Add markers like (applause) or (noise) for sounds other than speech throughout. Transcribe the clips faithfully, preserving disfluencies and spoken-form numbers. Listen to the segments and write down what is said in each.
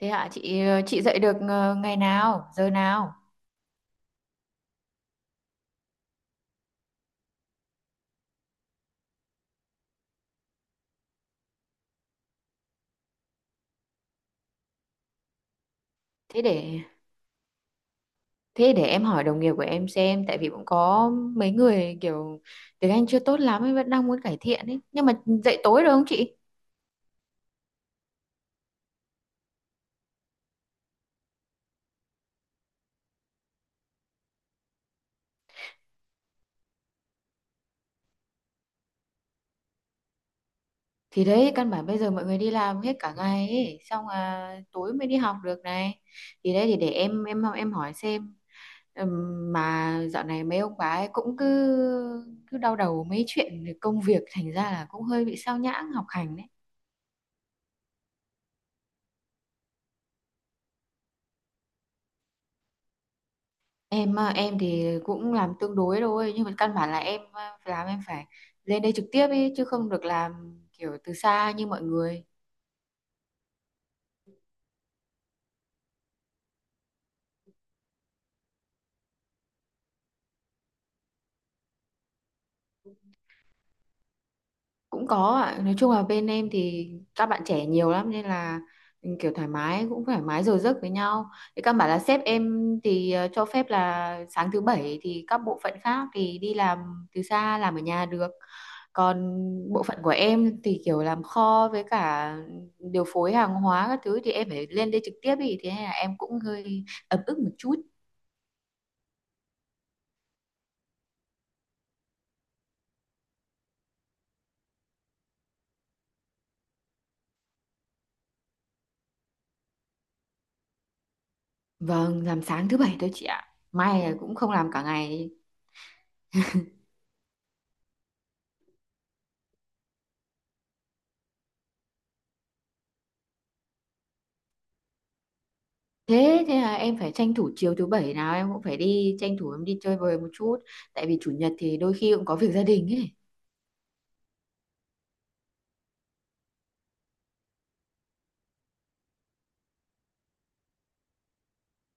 Thế hả chị, ờ, chị dậy được ờ, ngày nào, giờ nào? Thế để thế để em hỏi đồng nghiệp của em xem, tại vì cũng có mấy người kiểu tiếng Anh chưa tốt lắm ấy, vẫn đang muốn cải thiện ấy. Nhưng mà dậy tối được không chị? Thì đấy, căn bản bây giờ mọi người đi làm hết cả ngày ấy, xong là tối mới đi học được này. Thì đấy thì để em em em hỏi xem. Ừm, mà dạo này mấy ông bà ấy cũng cứ cứ đau đầu mấy chuyện công việc, thành ra là cũng hơi bị sao nhãng học hành đấy. Em à, em thì cũng làm tương đối thôi, nhưng mà căn bản là em à, làm em phải lên đây trực tiếp ý, chứ không được làm kiểu từ xa như mọi người. Cũng có ạ, nói chung là bên em thì các bạn trẻ nhiều lắm, nên là ừ, kiểu thoải mái, cũng thoải mái giờ giấc với nhau. Thì căn bản là sếp em thì ờ, cho phép là sáng thứ bảy thì các bộ phận khác thì đi làm từ xa, làm ở nhà được. Còn bộ phận của em thì kiểu làm kho với cả điều phối hàng hóa các thứ, thì em phải lên đây trực tiếp ý, thế nên là em cũng hơi ấm ức một chút. Vâng, làm sáng thứ bảy thôi chị ạ, mai là cũng không làm cả ngày. Thế thế là em phải tranh thủ, chiều thứ bảy nào em cũng phải đi tranh thủ, em đi chơi bời một chút, tại vì chủ nhật thì đôi khi cũng có việc gia đình ấy.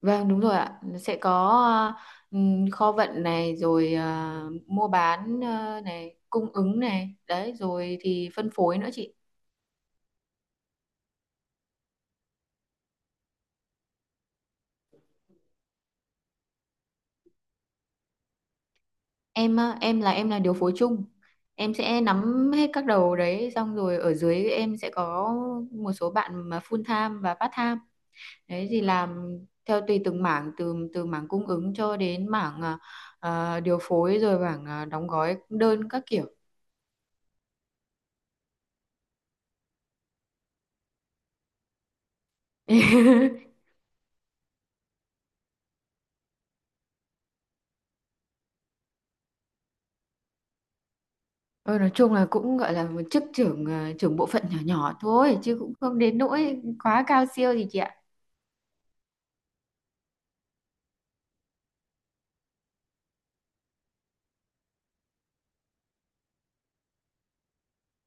Vâng, đúng rồi ạ. Nó sẽ có ờ, ừm, kho vận này, rồi ờ, mua bán ờ, này, cung ứng này, đấy, rồi thì phân phối nữa chị. Em ờ, em là em là điều phối chung. Em sẽ nắm hết các đầu đấy, xong rồi ở dưới em sẽ có một số bạn mà full time và part time. Đấy, thì làm theo tùy từng mảng, từ từ mảng cung ứng cho đến mảng à, à, điều phối, rồi mảng à, đóng gói đơn các kiểu. (laughs) Ờ, nói chung là cũng gọi là một chức trưởng à, trưởng bộ phận nhỏ nhỏ thôi, chứ cũng không đến nỗi quá cao siêu gì chị ạ.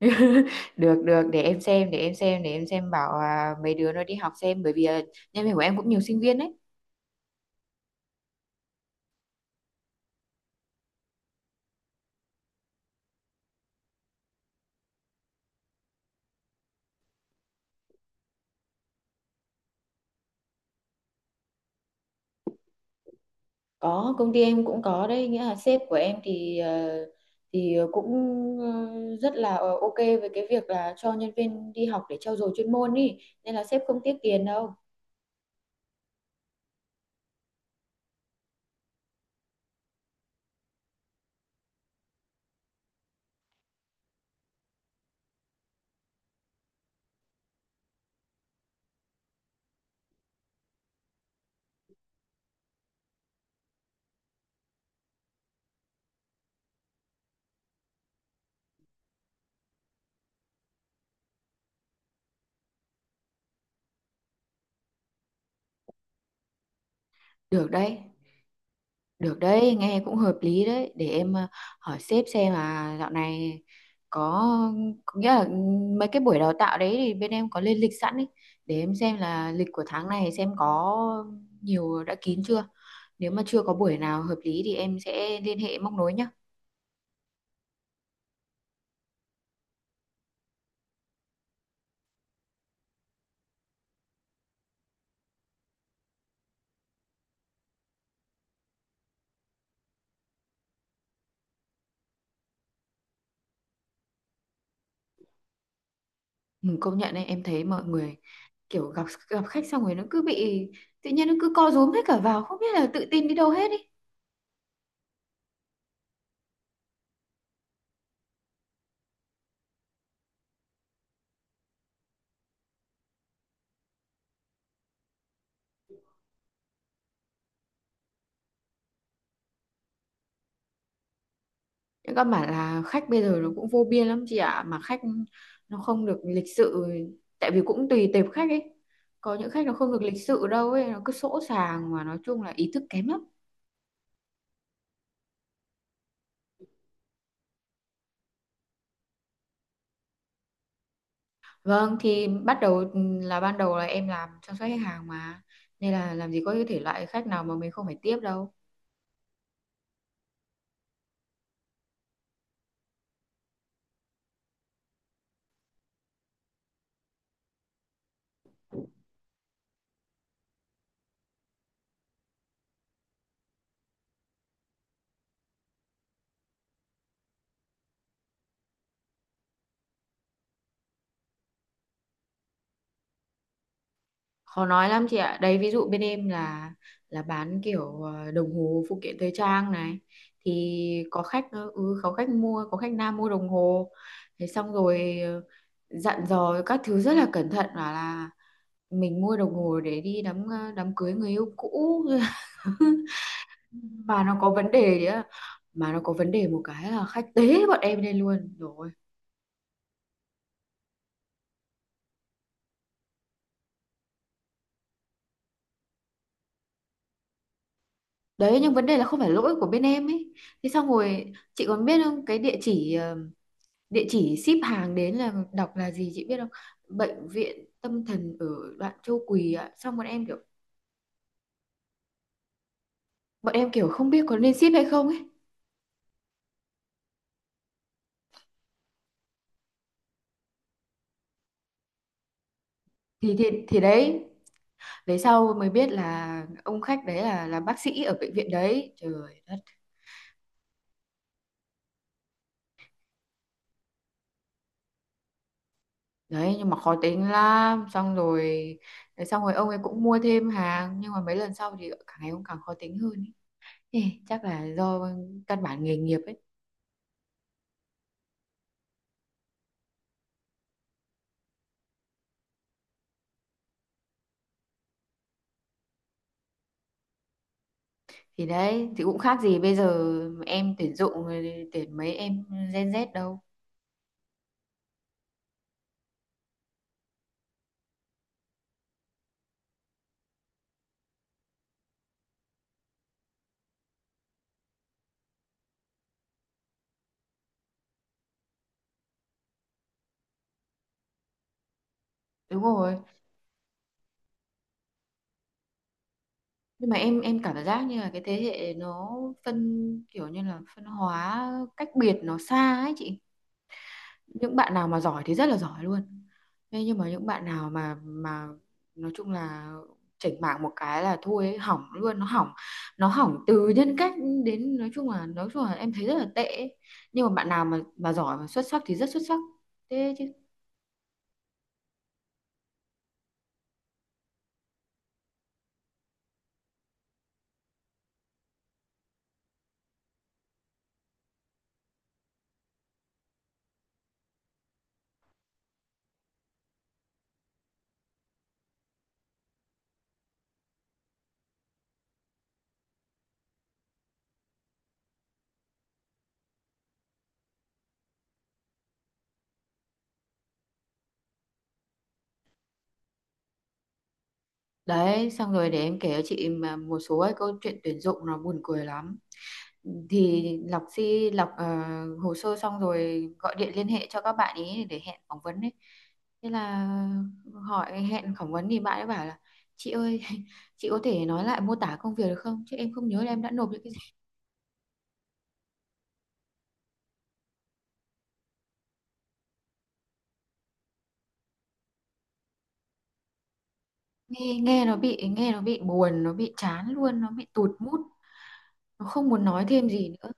(laughs) Được, được, để em xem để em xem để em xem bảo à, mấy đứa nó đi học xem, bởi vì à, nhân viên của em cũng nhiều sinh viên đấy. Có, công ty em cũng có đấy, nghĩa là sếp của em thì ờ, thì cũng ờ, rất là ok với cái việc là cho nhân viên đi học để trau dồi chuyên môn ý, nên là sếp không tiếc tiền đâu. Được đấy, được đấy, nghe cũng hợp lý đấy. Để em ờ, hỏi sếp xem là dạo này có, có nghĩa là mấy cái buổi đào tạo đấy thì bên em có lên lịch sẵn ấy. Để em xem là lịch của tháng này xem có nhiều đã kín chưa. Nếu mà chưa có buổi nào hợp lý thì em sẽ liên hệ móc nối nhá. Ừ, công nhận đấy, em thấy mọi người kiểu gặp gặp khách xong rồi nó cứ bị, tự nhiên nó cứ co rúm hết cả vào, không biết là tự tin đi đâu hết ý. Nhưng các bạn là khách bây giờ nó cũng vô biên lắm chị ạ, mà khách nó không được lịch sự, tại vì cũng tùy tệp khách ấy, có những khách nó không được lịch sự đâu ấy, nó cứ sỗ sàng, mà nói chung là ý thức kém lắm. Vâng, thì bắt đầu là ban đầu là em làm chăm sóc khách hàng mà, nên là làm gì có cái thể loại khách nào mà mình không phải tiếp đâu. Khó nói lắm chị ạ, đấy, ví dụ bên em là là bán kiểu ờ, đồng hồ, phụ kiện thời trang này, thì có khách ờ, ừ, có khách mua, có khách nam mua đồng hồ, thế xong rồi ờ, dặn dò các thứ rất là cẩn thận, bảo là mình mua đồng hồ để đi đám ờ, đám cưới người yêu cũ, (laughs) mà nó có vấn đề đấy ạ. Mà nó có vấn đề một cái là khách tế bọn em lên luôn rồi. Đấy, nhưng vấn đề là không phải lỗi của bên em ấy. Thế xong rồi chị còn biết không, cái địa chỉ ờ, địa chỉ ship hàng đến là đọc là gì chị biết không? Bệnh viện tâm thần ở đoạn Châu Quỳ ạ. Xong bọn em kiểu bọn em kiểu không biết có nên ship hay không ấy. Thì thì thì đấy, về sau mới biết là ông khách đấy là là bác sĩ ở bệnh viện đấy, trời đất. Đấy, nhưng mà khó tính lắm, xong rồi xong rồi ông ấy cũng mua thêm hàng, nhưng mà mấy lần sau thì càng ngày ông càng khó tính hơn ấy. Ê, chắc là do căn bản nghề nghiệp ấy. Thì đấy, thì cũng khác gì bây giờ em tuyển dụng, rồi tuyển mấy em Gen Z đâu. Đúng rồi, nhưng mà em em cảm giác như là cái thế hệ nó phân, kiểu như là phân hóa cách biệt nó xa ấy chị. Những bạn nào mà giỏi thì rất là giỏi luôn, thế nhưng mà những bạn nào mà mà nói chung là chỉnh mạng một cái là thôi ấy, hỏng luôn, nó hỏng nó hỏng từ nhân cách đến, nói chung là nói chung là em thấy rất là tệ ấy. Nhưng mà bạn nào mà mà giỏi mà xuất sắc thì rất xuất sắc thế chứ. Đấy, xong rồi để em kể cho chị mà một số cái câu chuyện tuyển dụng nó buồn cười lắm. Thì lọc si lọc ờ, hồ sơ xong rồi gọi điện liên hệ cho các bạn ý để hẹn phỏng vấn ấy. Thế là hỏi hẹn phỏng vấn thì bạn ấy bảo là: "Chị ơi, (laughs) chị có thể nói lại mô tả công việc được không? Chứ em không nhớ là em đã nộp những cái gì." Nghe nghe nó bị nghe nó bị buồn, nó bị chán luôn, nó bị tụt mút, nó không muốn nói thêm gì nữa.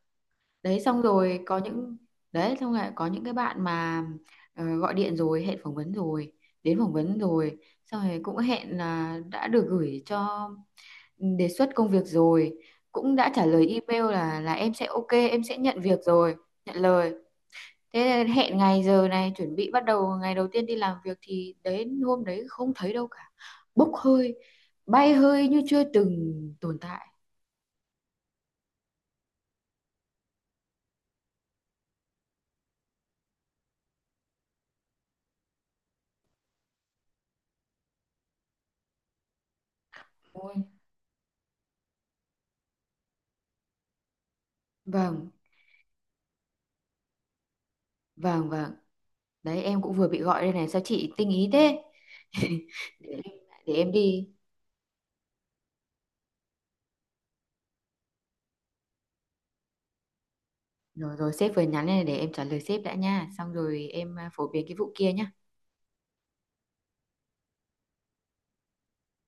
Đấy, xong rồi có những, đấy xong rồi có những cái bạn mà ờ, gọi điện rồi, hẹn phỏng vấn rồi, đến phỏng vấn rồi, xong rồi cũng hẹn là đã được gửi cho ừ, đề xuất công việc rồi, cũng đã trả lời email là là em sẽ ok, em sẽ nhận việc rồi, nhận lời, thế hẹn ngày giờ này chuẩn bị bắt đầu ngày đầu tiên đi làm việc, thì đến hôm đấy không thấy đâu cả, bốc hơi, bay hơi như chưa từng tồn tại. Ôi, vâng, vâng, vâng, đấy, em cũng vừa bị gọi đây này, sao chị tinh ý thế. (laughs) để, em- để em đi. Rồi, rồi, sếp vừa nhắn đây này, để em trả lời sếp đã nha, xong rồi em à, phổ biến cái vụ kia nhá.